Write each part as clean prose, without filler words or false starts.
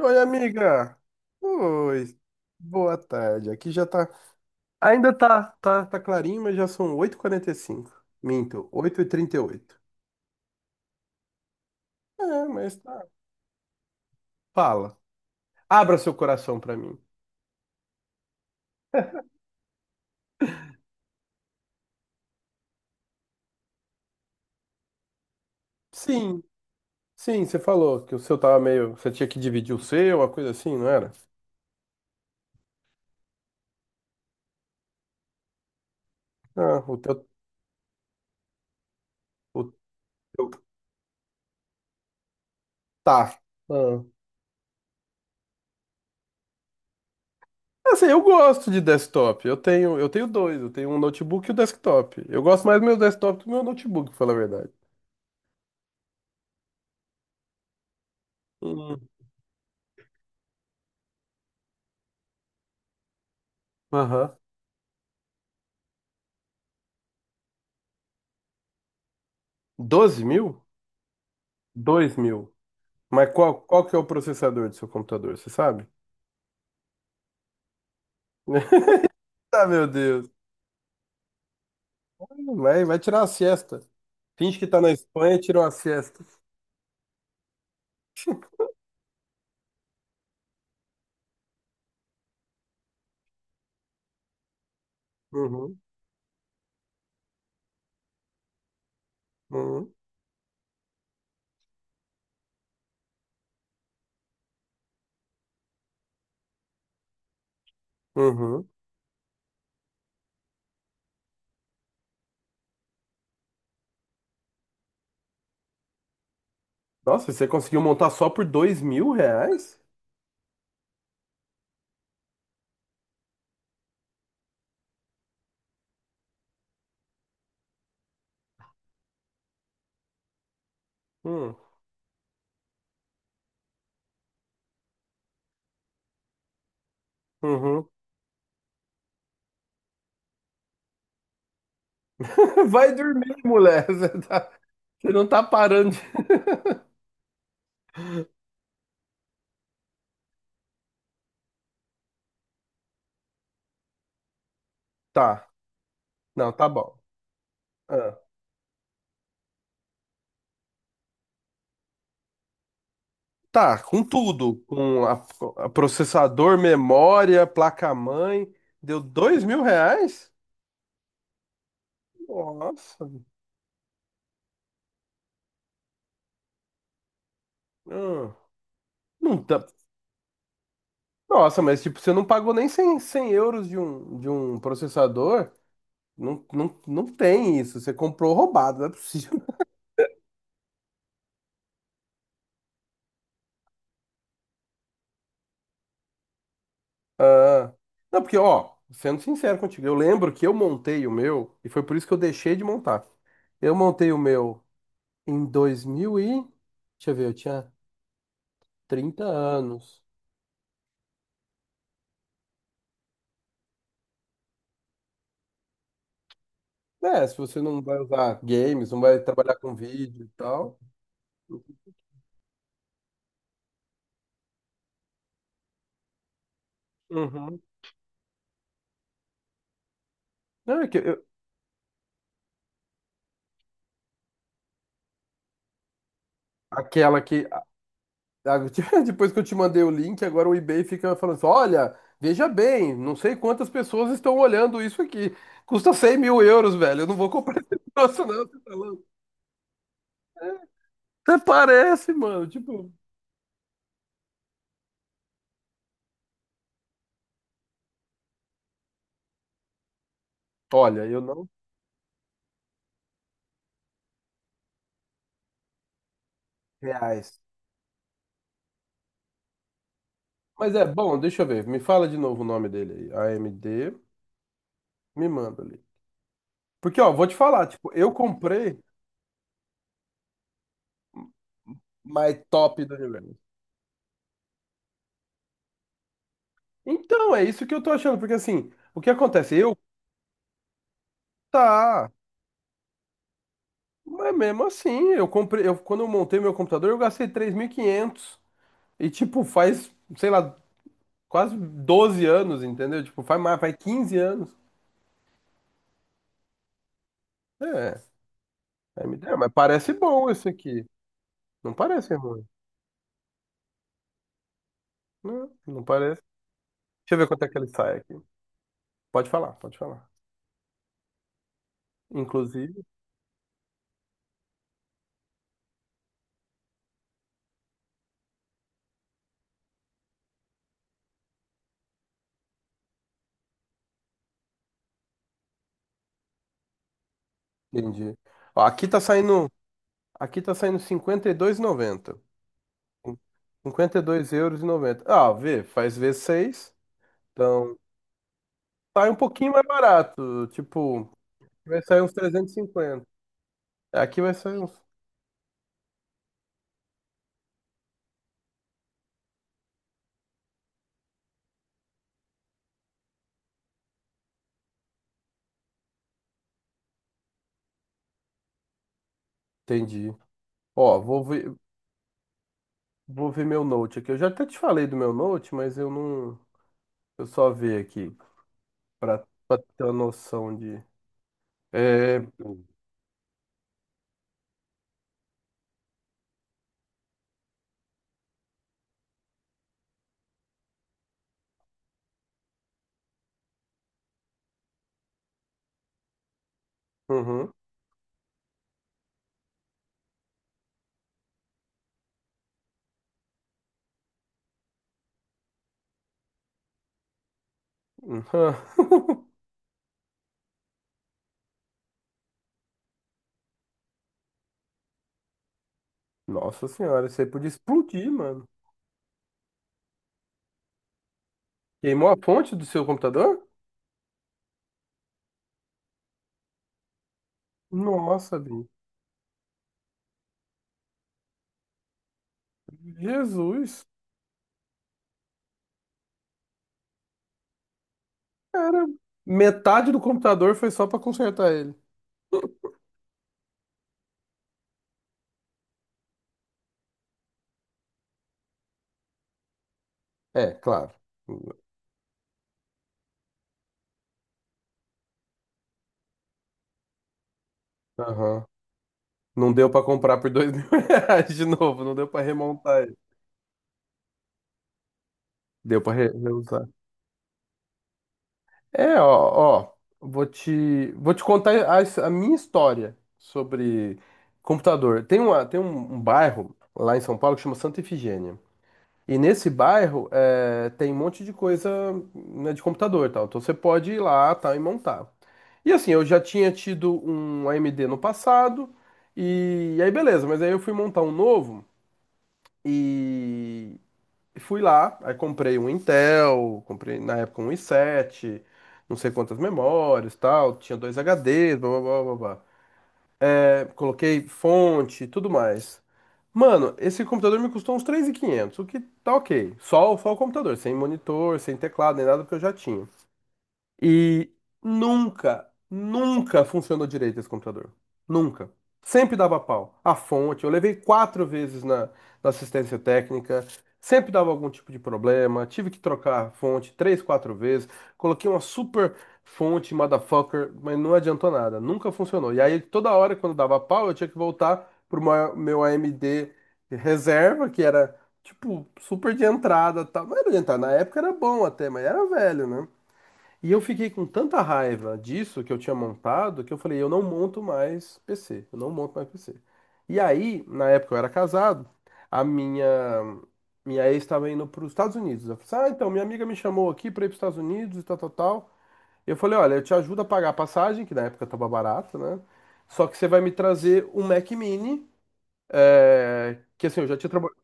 Oi, amiga. Oi. Boa tarde. Aqui já tá. Ainda tá clarinho, mas já são 8h45. Minto, 8h38. É, mas tá. Fala. Abra seu coração pra mim. Sim, sim, você falou que o seu tava meio. Você tinha que dividir o seu, uma coisa assim, não era? Ah, o teu. O teu. Tá. Ah. Assim, eu gosto de desktop. Eu tenho dois. Eu tenho um notebook e o desktop. Eu gosto mais do meu desktop do que do meu notebook, pra falar a verdade. Hum. Aham. 12 mil? Dois mil. Mas qual que é o processador do seu computador, você sabe? Ah, meu Deus. Vai tirar uma siesta. Finge que tá na Espanha e tira uma siesta. Uhum, uhum, uhum. Nossa, você conseguiu montar só por 2.000 reais? Hum. Uhum. Vai dormir, mulher. Você não tá parando de... Tá. Não, tá bom. Ah. Tá, com tudo, com a processador, memória, placa-mãe, deu 2.000 reais? Nossa, hum, não tá. Nossa, mas tipo, você não pagou nem cem euros de um processador? Não, não, não tem isso, você comprou roubado, não é possível. Ah, não, porque, ó, sendo sincero contigo, eu lembro que eu montei o meu, e foi por isso que eu deixei de montar. Eu montei o meu em 2000 e... Deixa eu ver, eu tinha 30 anos. É, se você não vai usar games, não vai trabalhar com vídeo e tal. Uhum. Não, é que aquela que. A- Depois que eu te mandei o link, agora o eBay fica falando assim: olha, veja bem, não sei quantas pessoas estão olhando isso aqui. Custa 100 mil euros, velho. Eu não vou comprar esse troço, não. Você tá louco. Até parece, mano. Tipo, olha, eu não. Reais. Mas é bom, deixa eu ver. Me fala de novo o nome dele aí. AMD, me manda ali. Porque, ó, vou te falar, tipo, eu comprei mais top do universo. Então, é isso que eu tô achando, porque assim, o que acontece? Eu, tá, mas mesmo assim, eu comprei, eu, quando eu montei meu computador, eu gastei 3.500 e quinhentos, e tipo, faz, sei lá, quase 12 anos, entendeu? Tipo, faz mais, faz 15 anos. É, aí me deu, mas parece bom esse aqui. Não parece ruim, não, não parece. Deixa eu ver quanto é que ele sai aqui. Pode falar, pode falar. Inclusive, entendi. Ó, aqui tá saindo 52,90. 52,90 euros. Ah, vê, faz vezes seis. Então, sai um pouquinho mais barato. Tipo, vai sair uns 350. Aqui vai sair uns. Entendi. Ó, vou ver meu Note aqui. Eu já até te falei do meu Note, mas eu não. Eu só ver aqui. Pra ter uma noção de. É. Uhum. Uhum. Nossa senhora, isso aí podia explodir, mano. Queimou a fonte do seu computador? Nossa, Bi. Jesus. Cara, metade do computador foi só pra consertar ele. É, claro. Aham. Não deu pra comprar por dois mil reais de novo, não deu pra remontar ele. Deu pra reusar. É, ó, ó, vou te contar a minha história sobre computador. Tem um bairro lá em São Paulo que chama Santa Efigênia. E nesse bairro é, tem um monte de coisa, né, de computador e tal. Então você pode ir lá tal, e montar. E assim, eu já tinha tido um AMD no passado, e aí beleza, mas aí eu fui montar um novo e fui lá, aí comprei um Intel, comprei na época um i7, não sei quantas memórias, tal, tinha dois HDs, blá blá blá blá blá, é, coloquei fonte, tudo mais. Mano, esse computador me custou uns 3.500, o que tá ok. Só, só o computador, sem monitor, sem teclado, nem nada, porque eu já tinha. E nunca, nunca funcionou direito esse computador. Nunca. Sempre dava pau. A fonte, eu levei quatro vezes na assistência técnica, sempre dava algum tipo de problema. Tive que trocar a fonte três, quatro vezes. Coloquei uma super fonte, motherfucker, mas não adiantou nada. Nunca funcionou. E aí, toda hora, quando dava pau, eu tinha que voltar pro meu AMD reserva, que era, tipo, super de entrada, e tal. Não era de entrada, na época era bom até, mas era velho, né? E eu fiquei com tanta raiva disso que eu tinha montado que eu falei, eu não monto mais PC, eu não monto mais PC. E aí, na época eu era casado, a minha ex estava indo para os Estados Unidos. Eu falei, assim, ah, então minha amiga me chamou aqui para ir para os Estados Unidos e tal, tal, tal. Eu falei, olha, eu te ajudo a pagar a passagem, que na época estava barato, né? Só que você vai me trazer um Mac Mini, é, que assim, eu já tinha trabalhado.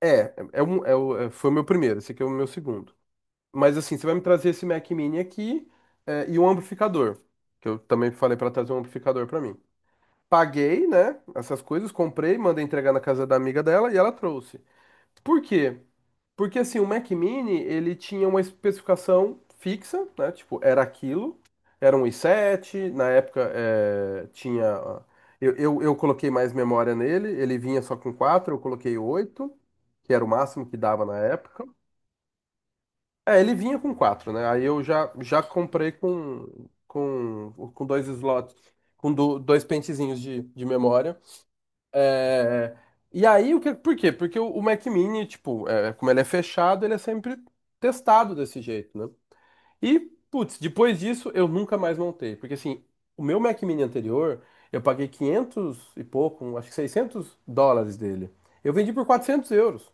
Foi o meu primeiro, esse aqui é o meu segundo. Mas assim, você vai me trazer esse Mac Mini aqui, é, e um amplificador, que eu também falei pra trazer um amplificador pra mim. Paguei, né, essas coisas, comprei, mandei entregar na casa da amiga dela e ela trouxe. Por quê? Porque assim, o Mac Mini, ele tinha uma especificação fixa, né, tipo, era aquilo, era um i7, na época é, tinha... Ó, Eu coloquei mais memória nele, ele vinha só com quatro, eu coloquei oito, que era o máximo que dava na época. É, ele vinha com quatro, né? Aí eu já comprei com, com dois slots, com dois pentezinhos de memória. É, e aí, o que, por quê? Porque o Mac Mini, tipo, é, como ele é fechado, ele é sempre testado desse jeito, né? E, putz, depois disso eu nunca mais montei. Porque, assim, o meu Mac Mini anterior, eu paguei 500 e pouco, acho que 600 dólares dele. Eu vendi por 400 euros.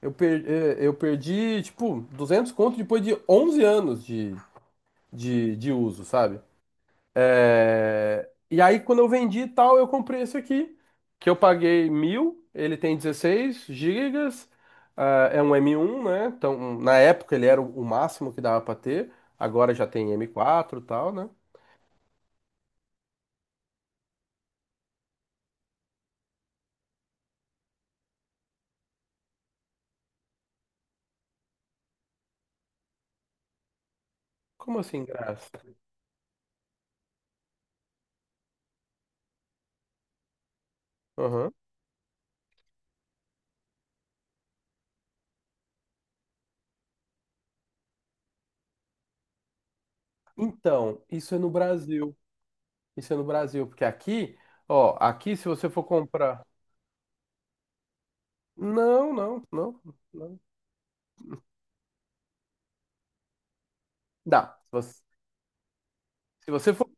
Eu perdi, tipo, 200 conto depois de 11 anos de uso, sabe? É, e aí, quando eu vendi e tal, eu comprei esse aqui, que eu paguei mil, ele tem 16 gigas, ah, é um M um, né? Então, na época ele era o máximo que dava pra ter, agora já tem M quatro e tal, né? Como assim, graça? Aham. Então, isso é no Brasil. Isso é no Brasil, porque aqui, ó, aqui se você for comprar. Não, não, não, não. Dá. Se você for,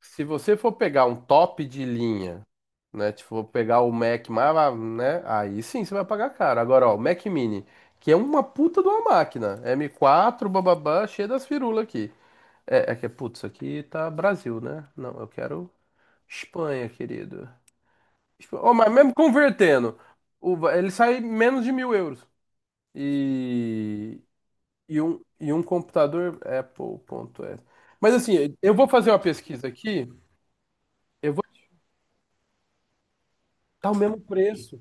se você for pegar um top de linha, né? Tipo, vou pegar o Mac mais, ah, né? Aí sim você vai pagar caro. Agora, ó, o Mac Mini, que é uma puta de uma máquina. M quatro, bababá, cheio das firulas aqui. É, é que, putz, isso aqui tá Brasil, né? Não, eu quero Espanha, querido. Ó, mas mesmo convertendo, ele sai menos de mil euros. E, e um computador Apple ponto Apple.es. Mas assim, eu vou fazer uma pesquisa aqui, eu vou tá o mesmo preço.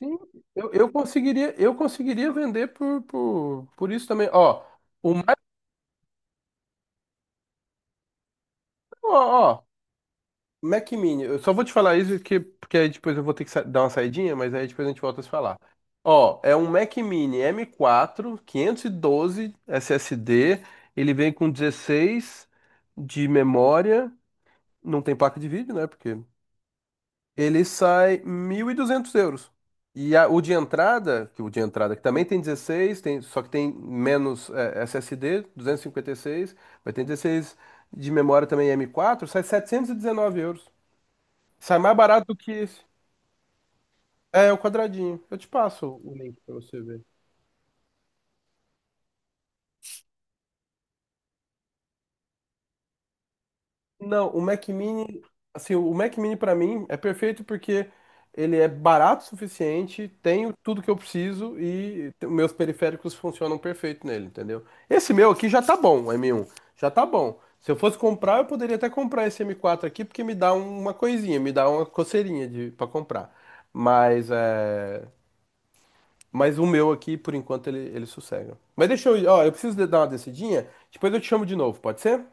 Sim, eu conseguiria vender por isso também. Ó, o mais, ó, ó, Mac Mini, eu só vou te falar isso porque, aí depois eu vou ter que dar uma saidinha, mas aí depois a gente volta a se falar. Ó, é um Mac Mini M4, 512 SSD, ele vem com 16 de memória, não tem placa de vídeo, né? Porque ele sai 1.200 euros. O de entrada, que o de entrada que também tem 16, tem, só que tem menos é, S S D, 256, vai ter 16 de memória também, M quatro, sai 719 euros. Sai mais barato do que esse. É o quadradinho. Eu te passo o link para você ver. Não, o Mac Mini, assim, o Mac Mini pra mim é perfeito porque ele é barato o suficiente, tenho tudo que eu preciso e meus periféricos funcionam perfeito nele, entendeu? Esse meu aqui já tá bom, o M1, já tá bom. Se eu fosse comprar, eu poderia até comprar esse M4 aqui porque me dá uma coisinha, me dá uma coceirinha de para comprar. Mas é, mas o meu aqui por enquanto ele sossega. Mas deixa eu ir, ó, eu preciso dar uma descidinha, depois eu te chamo de novo, pode ser?